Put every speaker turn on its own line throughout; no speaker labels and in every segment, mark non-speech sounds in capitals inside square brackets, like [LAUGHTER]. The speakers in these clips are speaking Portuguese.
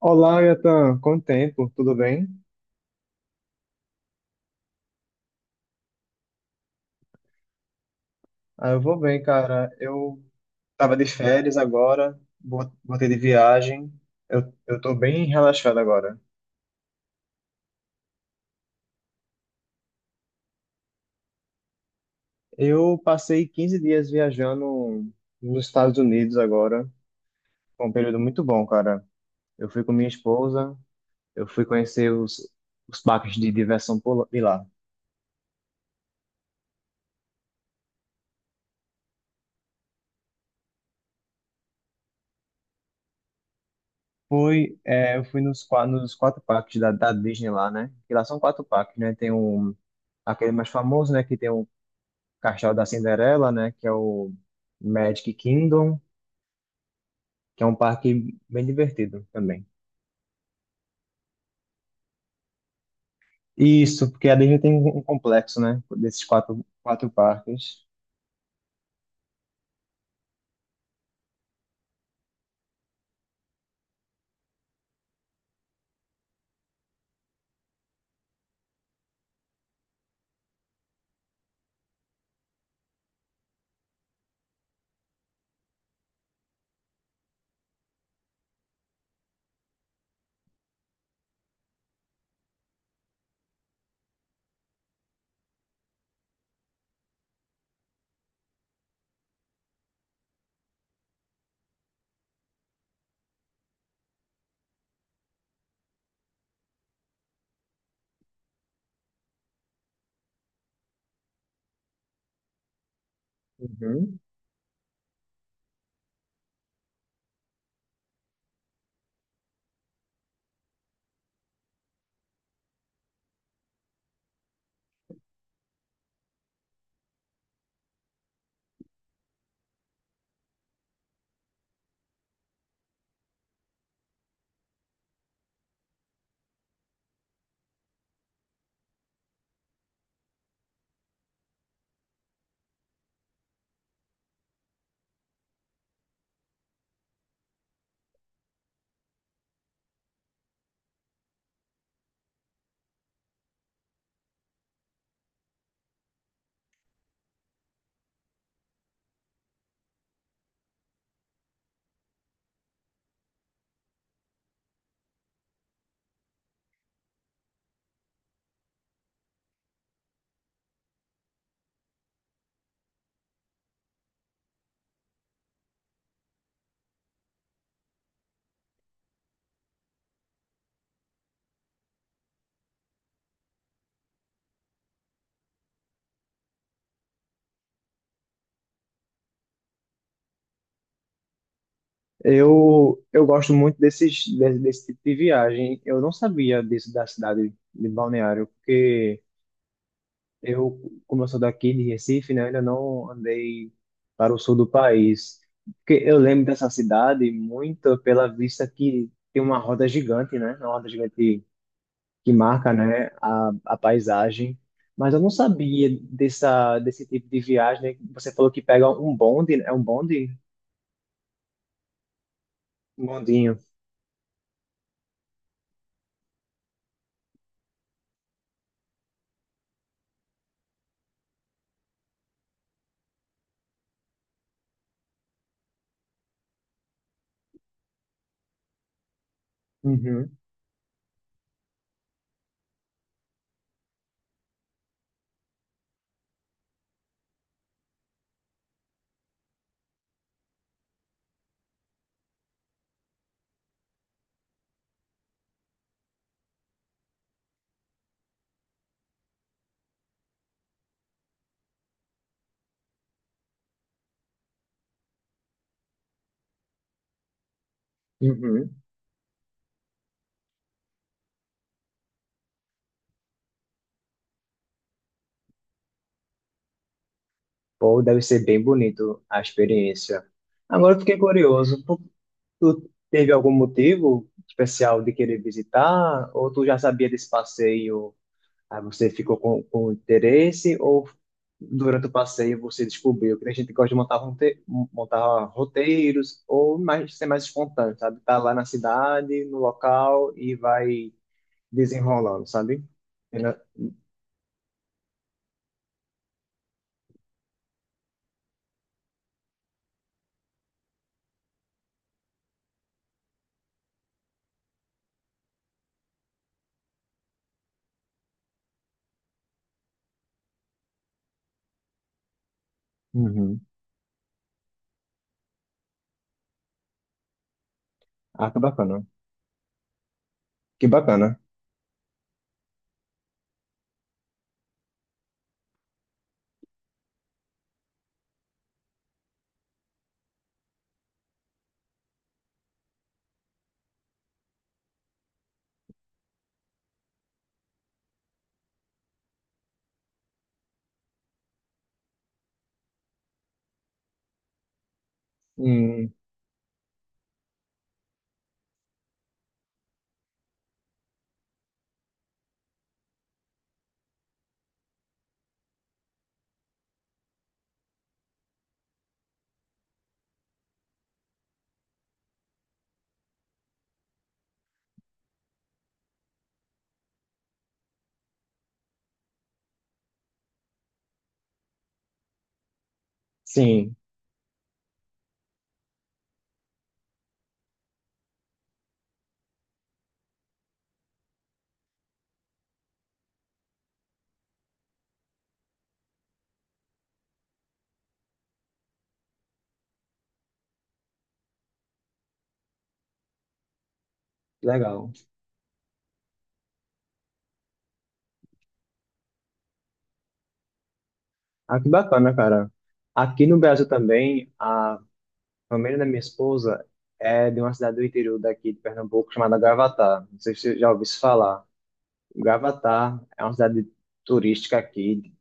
Olá, Yatan. Quanto tempo? Tudo bem? Ah, eu vou bem, cara. Eu Tava de férias agora, voltei de viagem. Eu tô bem relaxado agora. Eu passei 15 dias viajando nos Estados Unidos agora. Foi um período muito bom, cara. Eu fui com minha esposa, eu fui conhecer os parques de diversão de lá. Fui, é, eu fui nos 4 parques da Disney lá, né? Que lá são 4 parques, né? Tem um, aquele mais famoso, né, que tem um Castelo da Cinderela, né? Que é o Magic Kingdom, que é um parque bem divertido também. Isso, porque a Disney tem um complexo, né? Desses quatro parques. Uhum. Eu gosto muito desse tipo de viagem. Eu não sabia disso da cidade de Balneário, porque eu, como eu sou daqui de Recife, né? Ainda não andei para o sul do país. Porque eu lembro dessa cidade muito pela vista que tem uma roda gigante, né? Uma roda gigante que marca, né, a paisagem. Mas eu não sabia desse tipo de viagem, né? Você falou que pega um bonde, né? É um bonde? Um bondinho. Uhum, uhum. Pô, deve ser bem bonito a experiência. Agora eu fiquei curioso, tu teve algum motivo especial de querer visitar? Ou tu já sabia desse passeio? Aí você ficou com interesse, ou durante o passeio você descobriu que a gente gosta de montar, montar roteiros, ou mais, ser mais espontâneo, sabe? Tá lá na cidade, no local, e vai desenrolando, sabe? Ela- Uhum. Ah, que bacana. Que bacana. Hum, sim. Legal. Ah, que bacana, cara. Aqui no Brasil também, a família da minha esposa é de uma cidade do interior daqui de Pernambuco chamada Gravatá. Não sei se você já ouviu isso falar. Gravatá é uma cidade turística aqui.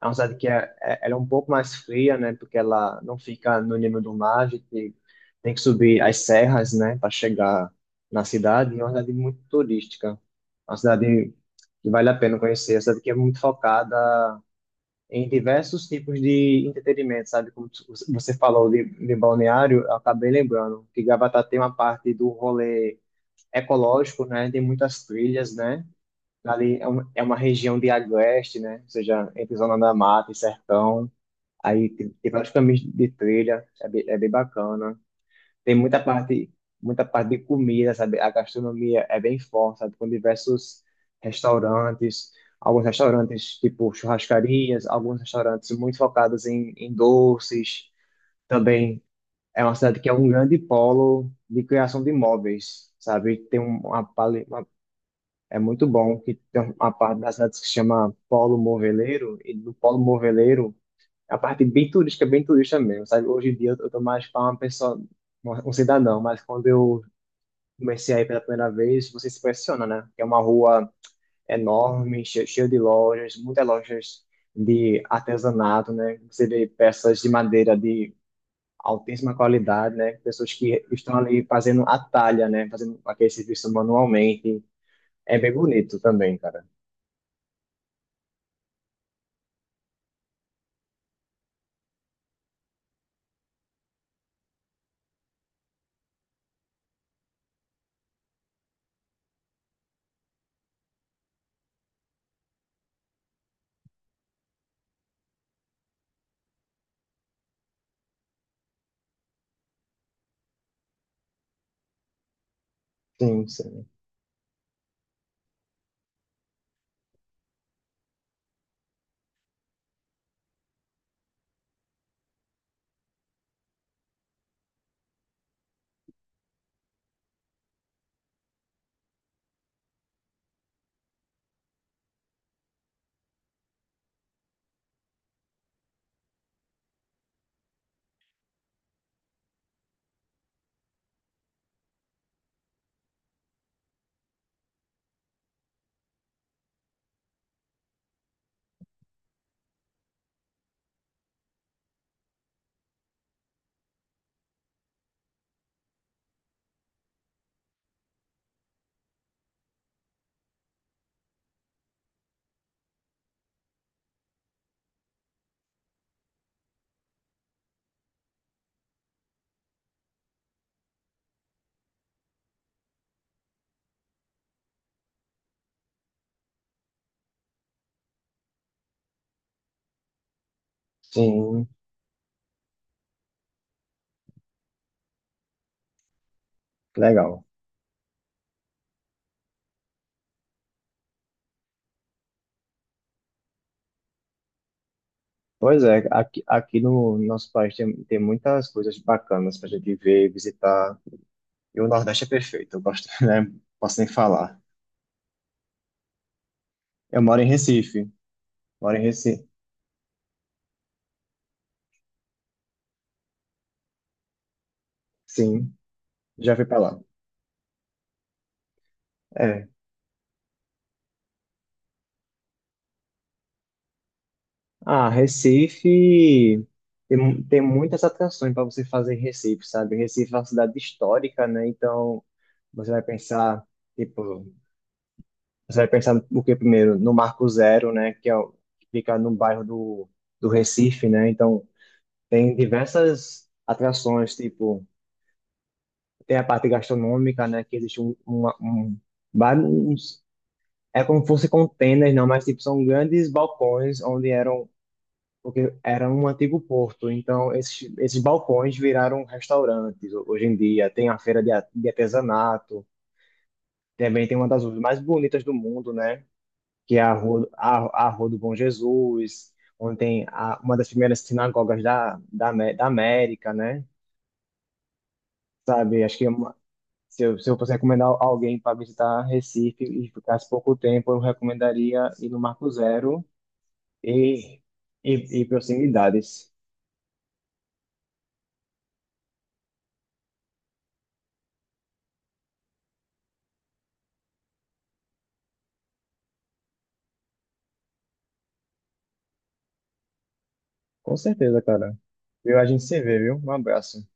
É uma cidade que ela é um pouco mais fria, né? Porque ela não fica no nível do mar, a gente tem que subir as serras, né? Para chegar na cidade. E é uma cidade muito turística. Uma cidade que vale a pena conhecer. É uma cidade que é muito focada em diversos tipos de entretenimento, sabe? Como você falou de balneário, eu acabei lembrando que Gravatá tem uma parte do rolê ecológico, né? Tem muitas trilhas, né? Ali é um- é uma região de agreste, né? Ou seja, entre Zona da Mata e Sertão. Aí tem vários caminhos de trilha, é bem bacana. Tem muita parte de comida, sabe? A gastronomia é bem forte, sabe? Com diversos restaurantes, alguns restaurantes tipo churrascarias, alguns restaurantes muito focados em doces. Também é uma cidade que é um grande polo de criação de imóveis, sabe? Tem uma, é muito bom, que tem uma parte da cidade que se chama Polo Moveleiro, e do Polo Moveleiro é a parte bem turística, bem turista mesmo, sabe? Hoje em dia eu tô mais para uma pessoa, um cidadão, mas quando eu comecei aí pela primeira vez, você se impressiona, né? É uma rua enorme, cheia de lojas, muitas lojas de artesanato, né? Você vê peças de madeira de altíssima qualidade, né? Pessoas que estão ali fazendo a talha, né? Fazendo aquele serviço manualmente. É bem bonito também, cara. Sim, sim. Sim, legal. Pois é, aqui, aqui no nosso país tem, tem muitas coisas bacanas pra gente ver, visitar. E o Nordeste é perfeito, eu gosto, [LAUGHS] né? Posso nem falar. Eu moro em Recife. Moro em Recife. Sim, já fui pra lá. É. Ah, Recife tem, tem muitas atrações para você fazer em Recife, sabe? Recife é uma cidade histórica, né? Então, você vai pensar, tipo, você vai pensar o que primeiro? No Marco Zero, né? Que fica no bairro do Recife, né? Então, tem diversas atrações, tipo, tem a parte gastronômica, né? Que existe vários é como se fosse containers, não, mas tipo, são grandes balcões onde eram, porque era um antigo porto. Então, esses balcões viraram restaurantes hoje em dia. Tem a feira de artesanato, também tem uma das ruas mais bonitas do mundo, né? Que é a a Rua do Bom Jesus, onde tem uma das primeiras sinagogas da América, né? Sabe, acho que é se eu fosse recomendar alguém para visitar Recife e ficasse pouco tempo, eu recomendaria ir no Marco Zero E, e proximidades. Com certeza, cara. Viu? A gente se vê, viu? Um abraço.